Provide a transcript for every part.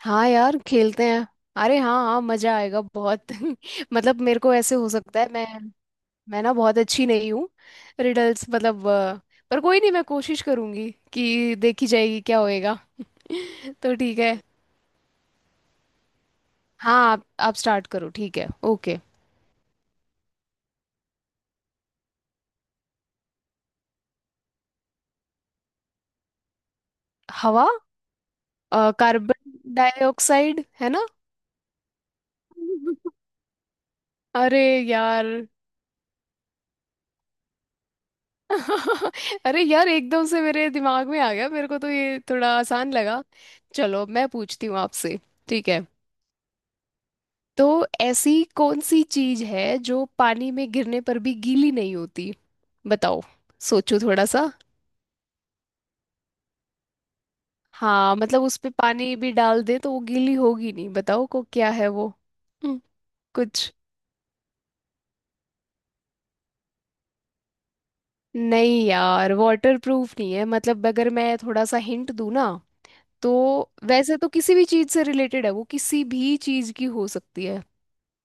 हाँ यार, खेलते हैं। अरे हाँ हाँ, मजा आएगा बहुत। मतलब मेरे को ऐसे हो सकता है, मैं ना बहुत अच्छी नहीं हूँ। रिडल्स, मतलब पर कोई नहीं, मैं कोशिश करूंगी कि देखी जाएगी क्या होएगा। तो ठीक है। हाँ, आप स्टार्ट करो। ठीक है, ओके। हवा। कार्बन डाइऑक्साइड है ना। अरे यार। अरे यार, एकदम से मेरे दिमाग में आ गया। मेरे को तो ये थोड़ा आसान लगा। चलो, मैं पूछती हूँ आपसे। ठीक है, तो ऐसी कौन सी चीज है जो पानी में गिरने पर भी गीली नहीं होती? बताओ। सोचो थोड़ा सा। हाँ मतलब, उस पे पानी भी डाल दे तो वो गीली होगी नहीं, बताओ को क्या है वो। हम्म, कुछ। नहीं यार, वाटर प्रूफ नहीं है। मतलब, अगर मैं थोड़ा सा हिंट दूँ ना, तो वैसे तो किसी भी चीज से रिलेटेड है वो, किसी भी चीज की हो सकती है।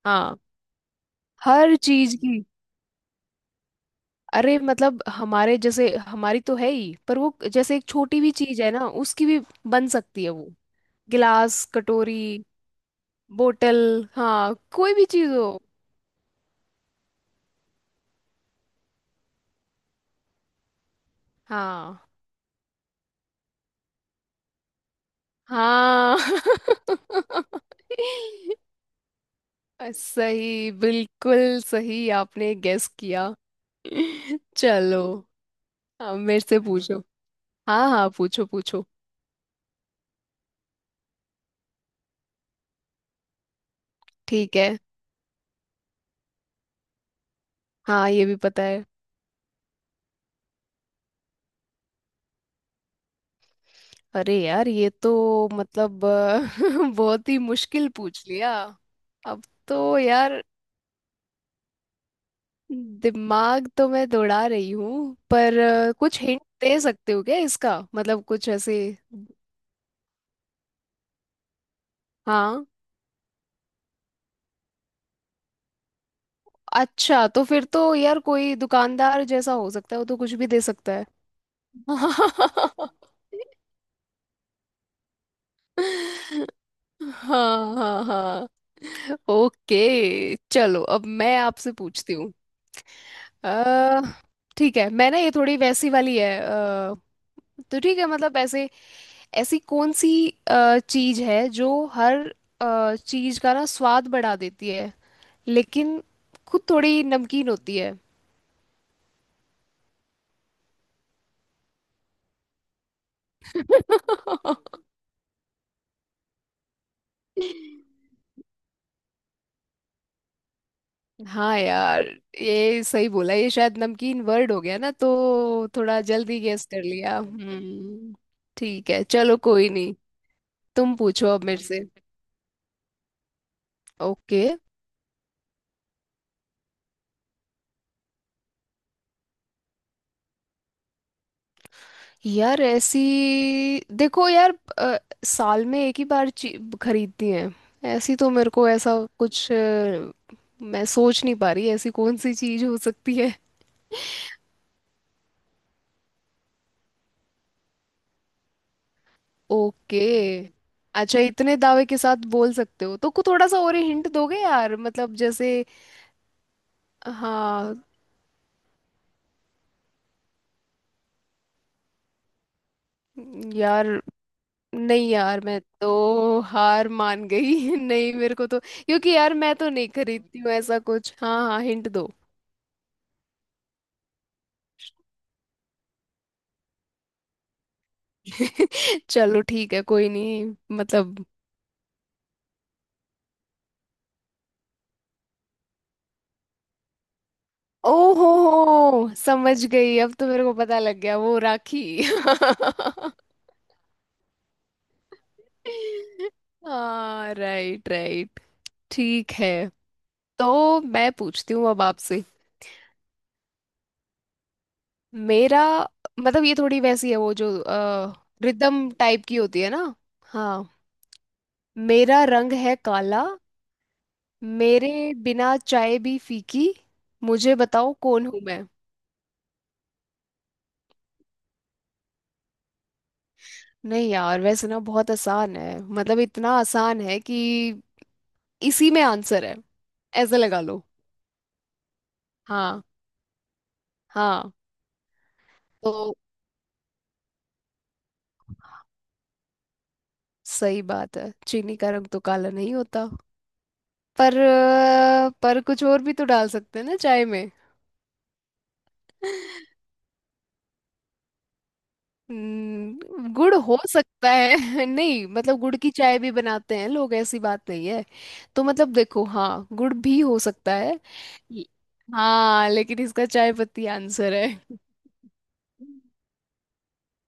हाँ, हर चीज की। अरे मतलब हमारे जैसे, हमारी तो है ही, पर वो जैसे एक छोटी भी चीज है ना उसकी भी बन सकती है वो। गिलास, कटोरी, बोतल। हाँ, कोई भी चीज हो। हाँ हाँ। सही, बिल्कुल सही आपने गेस किया। चलो, अब मेरे से पूछो। हाँ हाँ, पूछो पूछो। ठीक है। हाँ, ये भी पता है। अरे यार, ये तो मतलब बहुत ही मुश्किल पूछ लिया। अब तो यार, दिमाग तो मैं दौड़ा रही हूँ, पर कुछ हिंट दे सकते हो क्या इसका? मतलब, कुछ ऐसे। हाँ। अच्छा, तो फिर तो यार कोई दुकानदार जैसा हो सकता है, वो तो कुछ भी दे सकता है। हाँ हाँ हाँ। ओके चलो, अब मैं आपसे पूछती हूँ। अ, ठीक है, मैं ना ये थोड़ी वैसी वाली है, तो ठीक है। मतलब ऐसे, ऐसी कौन सी चीज है जो हर चीज का ना स्वाद बढ़ा देती है, लेकिन खुद थोड़ी नमकीन होती है। हाँ यार, ये सही बोला। ये शायद नमकीन वर्ड हो गया ना, तो थोड़ा जल्दी गेस कर लिया। हम्म, ठीक है, चलो कोई नहीं। तुम पूछो अब मेरे से। ओके। यार ऐसी, देखो यार, अ, साल में एक ही बार खरीदती हैं? ऐसी तो मेरे को, ऐसा कुछ मैं सोच नहीं पा रही ऐसी कौन सी चीज हो सकती है। ओके। अच्छा, इतने दावे के साथ बोल सकते हो, तो को थोड़ा सा और हिंट दोगे यार? मतलब जैसे। हाँ। यार, नहीं यार, मैं तो हार मान गई। नहीं, मेरे को तो, क्योंकि यार मैं तो नहीं खरीदती हूँ ऐसा कुछ। हाँ हाँ, हिंट दो। चलो ठीक है, कोई नहीं। मतलब। ओहो, हो समझ गई, अब तो मेरे को पता लग गया। वो राखी। हाँ, राइट राइट। ठीक है, तो मैं पूछती हूँ अब आपसे। मेरा, मतलब ये थोड़ी वैसी है, वो जो रिदम टाइप की होती है ना। हाँ। मेरा रंग है काला, मेरे बिना चाय भी फीकी, मुझे बताओ कौन हूँ मैं। नहीं यार, वैसे ना बहुत आसान है, मतलब इतना आसान है कि इसी में आंसर है, ऐसे लगा लो। हाँ हाँ। तो सही बात है, चीनी का रंग तो काला नहीं होता, पर पर कुछ और भी तो डाल सकते हैं ना चाय में। गुड़ हो सकता है। नहीं मतलब, गुड़ की चाय भी बनाते हैं लोग, ऐसी बात नहीं है। तो मतलब देखो, हाँ गुड़ भी हो सकता है। हाँ, लेकिन इसका चाय पत्ती आंसर है।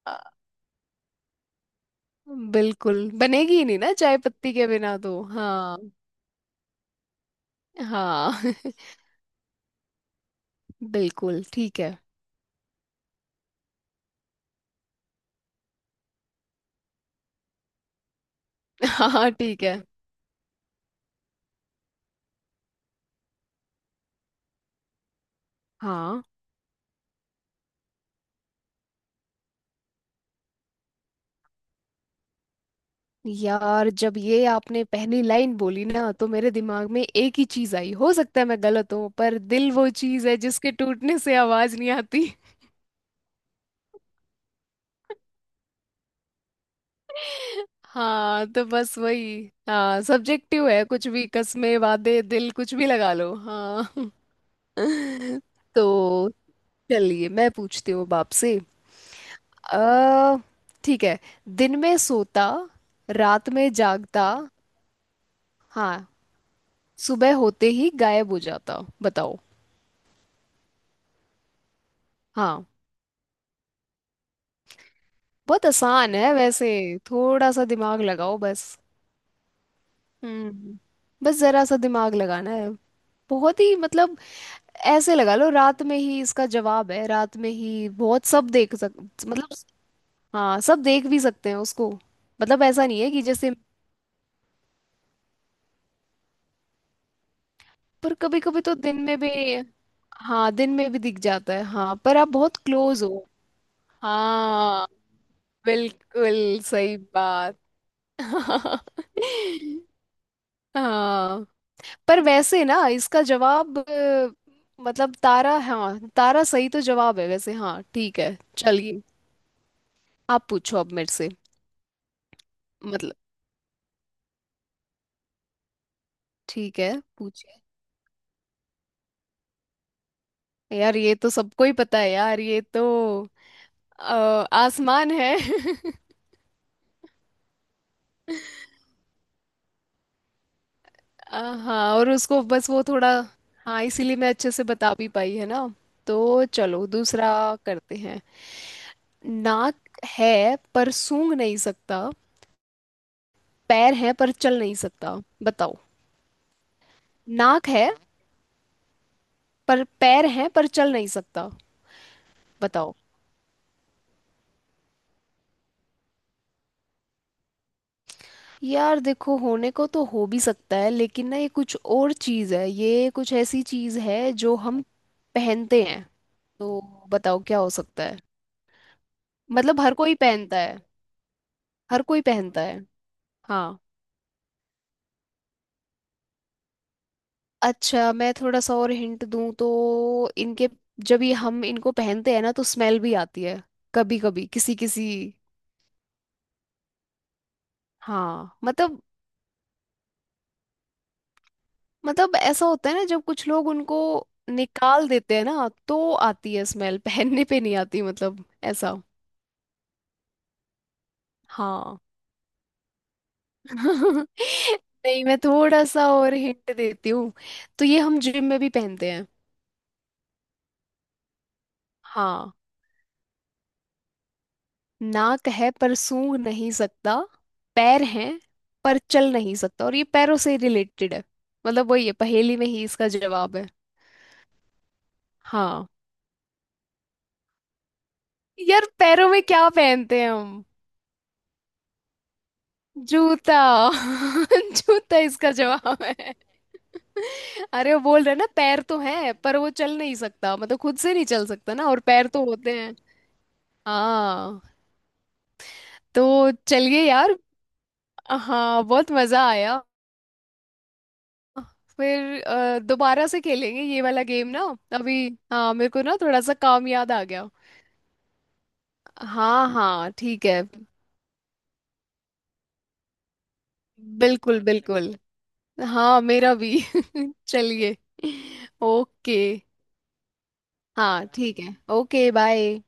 बिल्कुल, बनेगी ही नहीं ना चाय पत्ती के बिना, तो हाँ। हाँ। बिल्कुल, ठीक है। हाँ ठीक है। हाँ यार, जब ये आपने पहली लाइन बोली ना, तो मेरे दिमाग में एक ही चीज आई, हो सकता है मैं गलत हूँ, पर दिल वो चीज है जिसके टूटने से आवाज नहीं आती। हाँ तो बस वही, हाँ सब्जेक्टिव है, कुछ भी, कस्मे वादे दिल कुछ भी लगा लो। हाँ। तो चलिए मैं पूछती हूँ बाप से। अ, ठीक है। दिन में सोता, रात में जागता। हाँ, सुबह होते ही गायब हो जाता। बताओ। हाँ, बहुत आसान है वैसे। थोड़ा सा दिमाग लगाओ बस। हम्म, बस जरा सा दिमाग लगाना है। बहुत ही मतलब, ऐसे लगा लो रात में ही इसका जवाब है, रात में ही बहुत सब देख सक, मतलब, हाँ सब देख भी सकते हैं उसको। मतलब ऐसा नहीं है कि जैसे, पर कभी कभी तो दिन में भी। हाँ, दिन में भी दिख जाता है, हाँ, पर आप बहुत क्लोज हो। हाँ, बिल्कुल सही बात। हाँ, पर वैसे ना इसका जवाब मतलब तारा, हाँ तारा सही तो जवाब है वैसे। हाँ ठीक है, चलिए। आप पूछो अब मेरे से। मतलब, ठीक है, पूछिए। यार ये तो सबको ही पता है यार, ये तो आसमान है। आ, हाँ, और उसको बस वो थोड़ा, हाँ इसीलिए मैं अच्छे से बता भी पाई है ना। तो चलो दूसरा करते हैं। नाक है पर सूंघ नहीं सकता, पैर है पर चल नहीं सकता। बताओ। नाक है पर, पैर है पर चल नहीं सकता, बताओ। यार देखो, होने को तो हो भी सकता है, लेकिन ना ये कुछ और चीज है, ये कुछ ऐसी चीज है जो हम पहनते हैं। तो बताओ क्या हो सकता है। मतलब हर कोई पहनता है, हर कोई पहनता है। हाँ। अच्छा, मैं थोड़ा सा और हिंट दूं तो, इनके, जब ये हम इनको पहनते हैं ना तो स्मेल भी आती है, कभी कभी किसी किसी। हाँ मतलब, मतलब ऐसा होता है ना, जब कुछ लोग उनको निकाल देते हैं ना तो आती है स्मेल, पहनने पे नहीं आती, मतलब ऐसा। हाँ। नहीं, मैं थोड़ा सा और हिंट देती हूँ। तो ये हम जिम में भी पहनते हैं। हाँ। नाक है पर सूंघ नहीं सकता, पैर हैं पर चल नहीं सकता, और ये पैरों से रिलेटेड है, मतलब वही है, पहेली में ही इसका जवाब है। हाँ यार, पैरों में क्या पहनते हैं हम? जूता। जूता इसका जवाब है। अरे वो बोल रहे ना पैर तो है पर वो चल नहीं सकता, मतलब खुद से नहीं चल सकता ना, और पैर तो होते हैं। हाँ। तो चलिए यार। हाँ बहुत मजा आया। फिर दोबारा से खेलेंगे ये वाला गेम ना। अभी हाँ, मेरे को ना थोड़ा सा काम याद आ गया। हाँ हाँ ठीक है, बिल्कुल बिल्कुल। हाँ, मेरा भी। चलिए, ओके। हाँ ठीक है, ओके बाय।